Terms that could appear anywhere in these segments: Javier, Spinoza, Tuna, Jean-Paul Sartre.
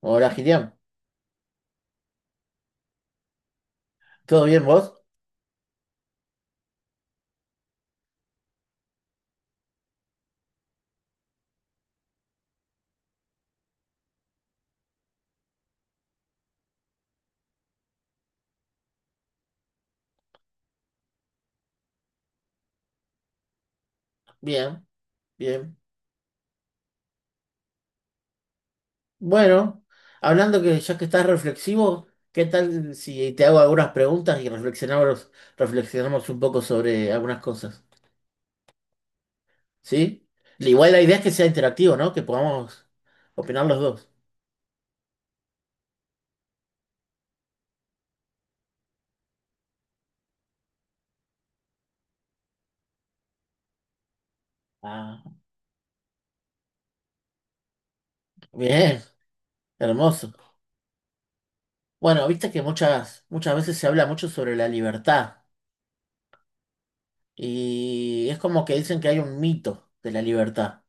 Hola, Gideon. ¿Todo bien vos? Bien, bien. Bueno, hablando que ya que estás reflexivo, ¿qué tal si te hago algunas preguntas y reflexionamos un poco sobre algunas cosas? ¿Sí? Igual la idea es que sea interactivo, ¿no? Que podamos opinar los dos. Ah, bien, hermoso. Bueno, viste que muchas veces se habla mucho sobre la libertad y es como que dicen que hay un mito de la libertad.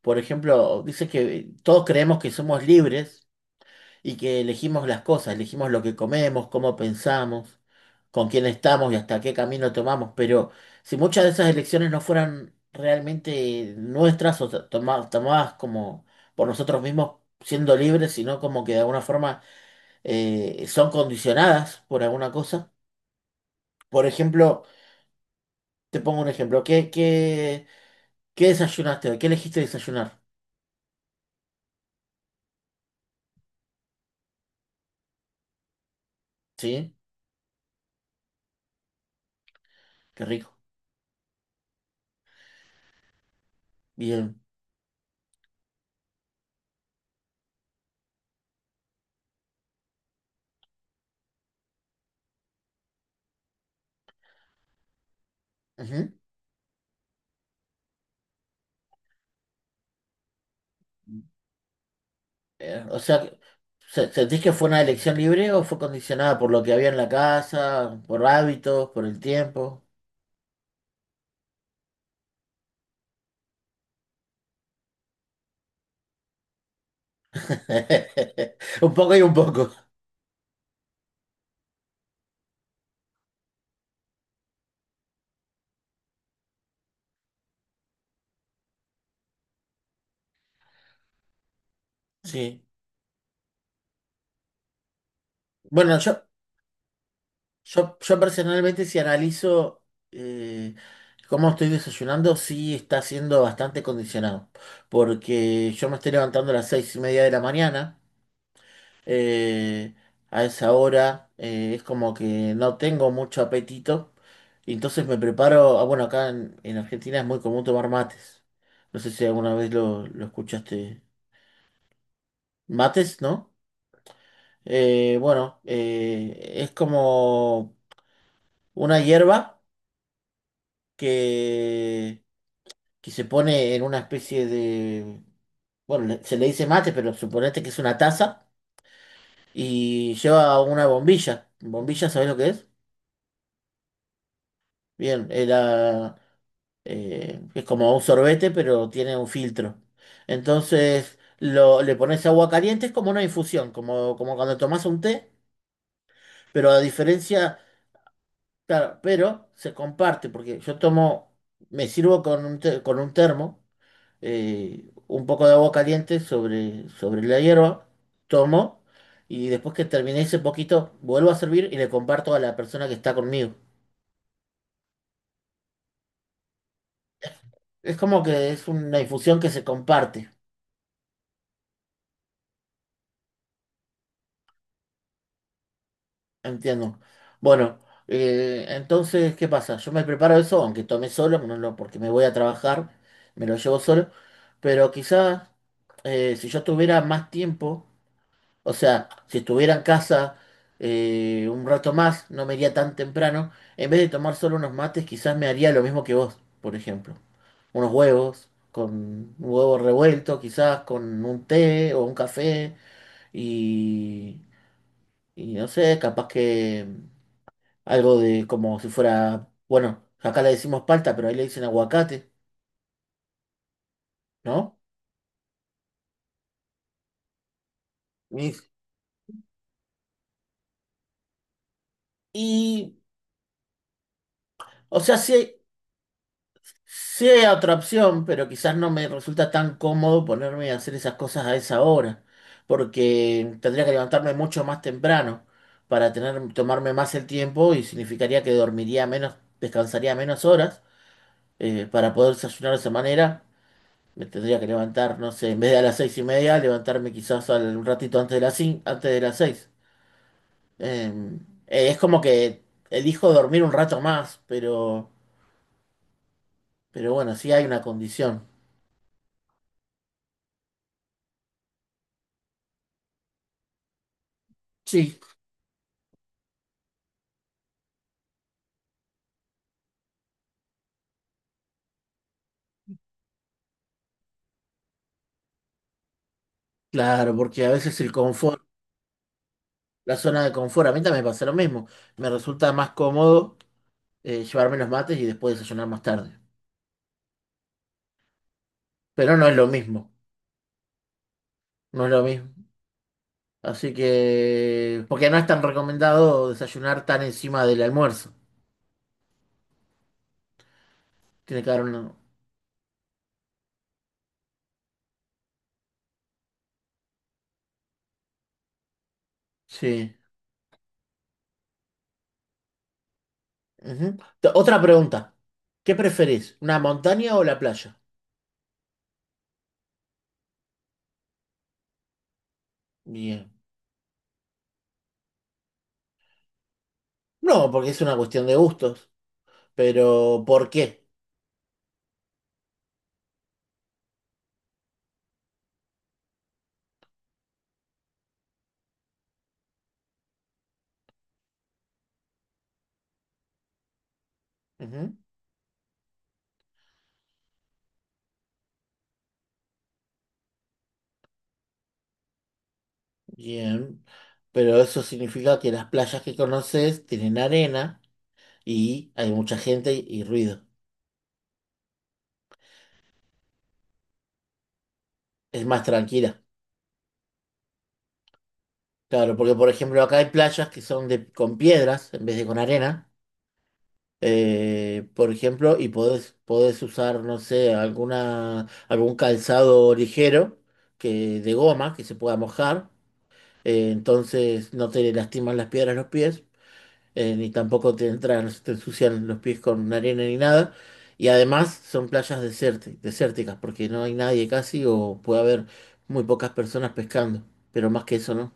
Por ejemplo, dice que todos creemos que somos libres y que elegimos las cosas, elegimos lo que comemos, cómo pensamos, con quién estamos y hasta qué camino tomamos. Pero si muchas de esas elecciones no fueran realmente nuestras o tomadas como por nosotros mismos siendo libres, sino como que de alguna forma son condicionadas por alguna cosa. Por ejemplo, te pongo un ejemplo. ¿Qué desayunaste hoy? ¿Qué elegiste desayunar? ¿Sí? Qué rico. Bien. Ujú. O sea, ¿Sentís que fue una elección libre o fue condicionada por lo que había en la casa, por hábitos, por el tiempo? Un poco y un poco, sí. Bueno, yo personalmente si analizo eh, cómo estoy desayunando, sí está siendo bastante condicionado, porque yo me estoy levantando a las 6:30 de la mañana. eh, a esa hora es como que no tengo mucho apetito. Y entonces me preparo, ah, bueno, acá en Argentina es muy común tomar mates. No sé si alguna vez lo escuchaste. Mates, ¿no? Bueno, es como una hierba que, que se pone en una especie de... Bueno, se le dice mate, pero suponete que es una taza y lleva una bombilla. ¿Bombilla, sabés lo que es? Bien, la que es como un sorbete, pero tiene un filtro. Entonces le pones agua caliente, es como una infusión, como cuando tomas un té, pero a diferencia, claro, pero se comparte, porque yo tomo, me sirvo con un termo, un poco de agua caliente sobre la hierba, tomo. Y después que terminé ese poquito, vuelvo a servir y le comparto a la persona que está conmigo. Es como que es una infusión que se comparte. Entiendo. Bueno, entonces, ¿qué pasa? Yo me preparo eso, aunque tome solo, no lo- porque me voy a trabajar, me lo llevo solo, pero quizás si yo tuviera más tiempo, o sea, si estuviera en casa un rato más, no me iría tan temprano, en vez de tomar solo unos mates, quizás me haría lo mismo que vos, por ejemplo, unos huevos, con un huevo revuelto, quizás con un té o un café, y, y no sé, capaz que... Algo de como si fuera, bueno, acá le decimos palta, pero ahí le dicen aguacate, ¿no? Y, y, o sea, sí, sí hay otra opción, pero quizás no me resulta tan cómodo ponerme a hacer esas cosas a esa hora, porque tendría que levantarme mucho más temprano para tener, tomarme más el tiempo y significaría que dormiría menos, descansaría menos horas para poder desayunar de esa manera. Me tendría que levantar, no sé, en vez de a las 6:30, levantarme quizás un ratito antes de las antes de las seis. Eh, es como que elijo dormir un rato más, pero, bueno, sí hay una condición. Sí, claro, porque a veces el confort, la zona de confort, a mí también me pasa lo mismo. Me resulta más cómodo llevarme los mates y después desayunar más tarde. Pero no es lo mismo, no es lo mismo. Así que, porque no es tan recomendado desayunar tan encima del almuerzo. Tiene que haber una... Sí. Ujú. Otra pregunta. ¿Qué preferís? ¿Una montaña o la playa? Bien. No, porque es una cuestión de gustos. Pero, ¿por qué? Ujú, bien. Pero eso significa que las playas que conoces tienen arena y hay mucha gente y ruido. Es más tranquila. Claro, porque por ejemplo acá hay playas que son de, con piedras en vez de con arena. Por ejemplo, y podés, podés usar, no sé, alguna, algún calzado ligero que, de goma que se pueda mojar. Entonces no te lastiman las piedras los pies. Ni tampoco te entran, no se te ensucian los pies con arena ni nada. Y además son playas desérticas, porque no hay nadie casi o puede haber muy pocas personas pescando, pero más que eso no.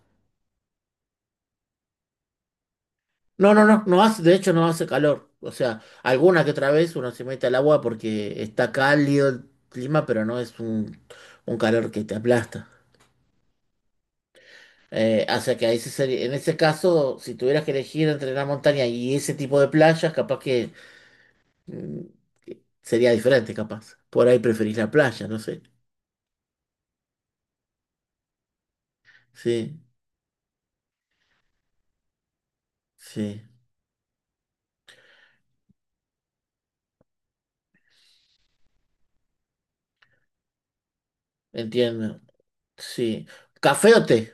No, no, no, no hace, de hecho no hace calor. O sea, alguna que otra vez uno se mete al agua porque está cálido el clima, pero no es un calor que te aplasta. O sea que ahí en ese caso, si tuvieras que elegir entre la montaña y ese tipo de playas, capaz que Mm, sería diferente, capaz. Por ahí preferís la playa, no sé. Sí, sí, entiendo. Sí. ¿Café o té?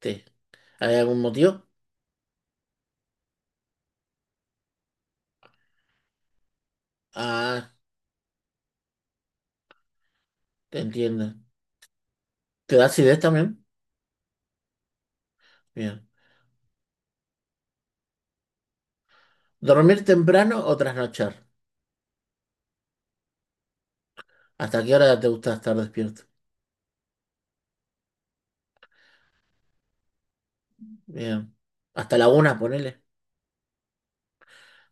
Té. ¿Hay algún motivo? Ah, entiendo. ¿Te da acidez también? Bien. ¿Dormir temprano o trasnochar? ¿Hasta qué hora te gusta estar despierto? Bien. ¿Hasta la una, ponele?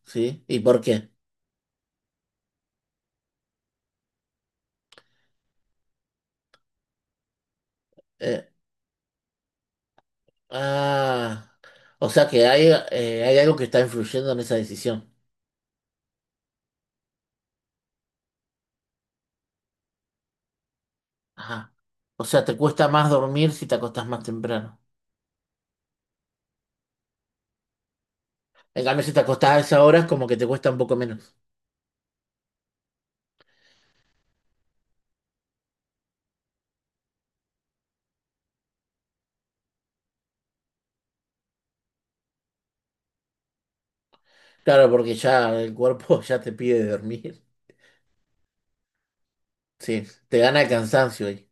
Sí. ¿Y por qué? Eh, ah, o sea que hay, hay algo que está influyendo en esa decisión. Ajá. O sea, te cuesta más dormir si te acostás más temprano. En cambio, si te acostás a esa hora, es como que te cuesta un poco menos. Claro, porque ya el cuerpo ya te pide dormir. Sí, te gana el cansancio ahí.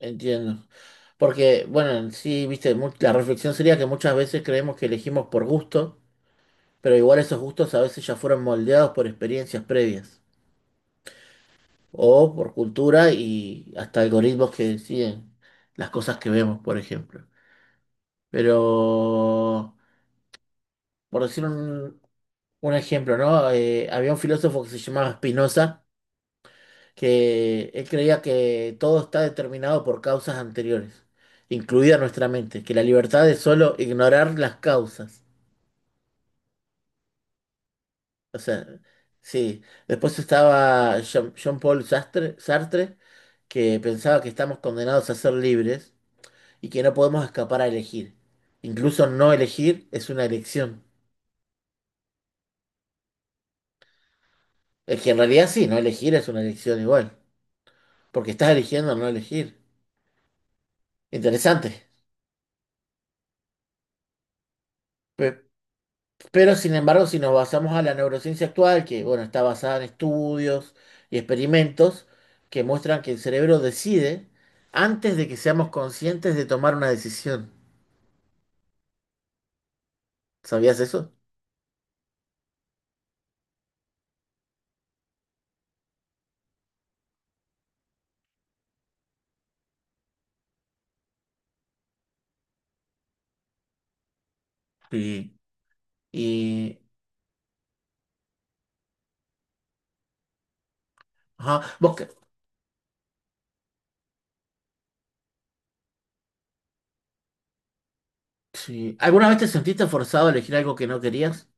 Entiendo. Porque, bueno, en sí, viste, la reflexión sería que muchas veces creemos que elegimos por gusto, pero igual esos gustos a veces ya fueron moldeados por experiencias previas o por cultura y hasta algoritmos que deciden las cosas que vemos, por ejemplo. Pero, por decir un ejemplo, ¿no? Había un filósofo que se llamaba Spinoza que él creía que todo está determinado por causas anteriores, incluida nuestra mente, que la libertad es solo ignorar las causas. O sea, sí. Después estaba Jean-Paul Sartre, que pensaba que estamos condenados a ser libres y que no podemos escapar a elegir. Incluso no elegir es una elección. Es que en realidad sí, no elegir es una elección igual, porque estás eligiendo no elegir. Interesante. Pe- Pero sin embargo, si nos basamos a la neurociencia actual, que bueno, está basada en estudios y experimentos que muestran que el cerebro decide antes de que seamos conscientes de tomar una decisión. ¿Sabías eso? Sí. Y ajá, sí. ¿Alguna vez te sentiste forzado a elegir algo que no querías?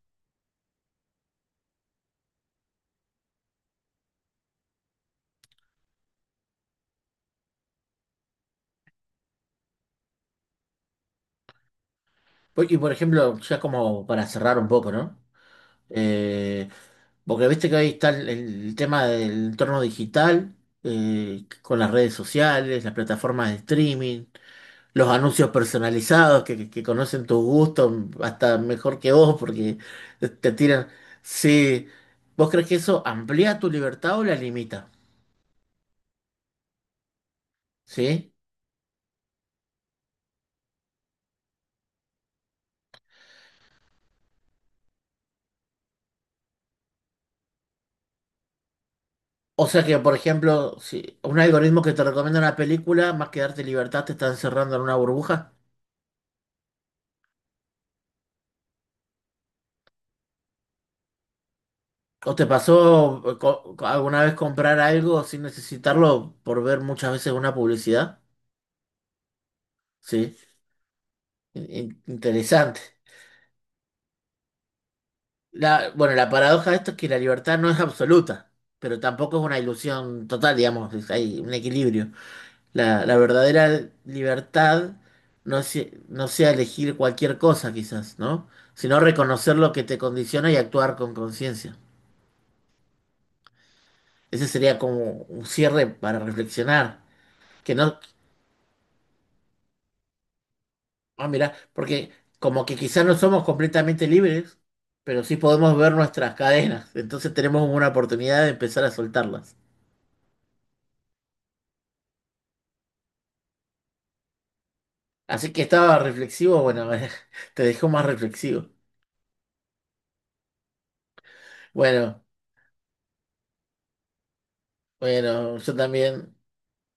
Y por ejemplo, ya como para cerrar un poco, ¿no? Eh, porque viste que ahí está el tema del entorno digital, con las redes sociales, las plataformas de streaming. Los anuncios personalizados que conocen tus gustos hasta mejor que vos porque te tiran. Sí, ¿vos crees que eso amplía tu libertad o la limita? ¿Sí? O sea que, por ejemplo, si un algoritmo que te recomienda una película, más que darte libertad, te está encerrando en una burbuja. ¿O te pasó alguna vez comprar algo sin necesitarlo por ver muchas veces una publicidad? Sí, interesante. Bueno, la paradoja de esto es que la libertad no es absoluta, pero tampoco es una ilusión total, digamos, hay un equilibrio. La verdadera libertad no es, no sea elegir cualquier cosa, quizás, ¿no? Sino reconocer lo que te condiciona y actuar con conciencia. Ese sería como un cierre para reflexionar. Que no, ah, mira, porque como que quizás no somos completamente libres, pero sí podemos ver nuestras cadenas, entonces tenemos una oportunidad de empezar a soltarlas. Así que estaba reflexivo, bueno, te dejó más reflexivo. Bueno, bueno, yo también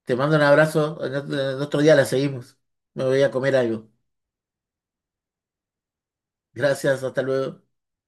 te mando un abrazo. En otro día la seguimos. Me voy a comer algo. Gracias, hasta luego.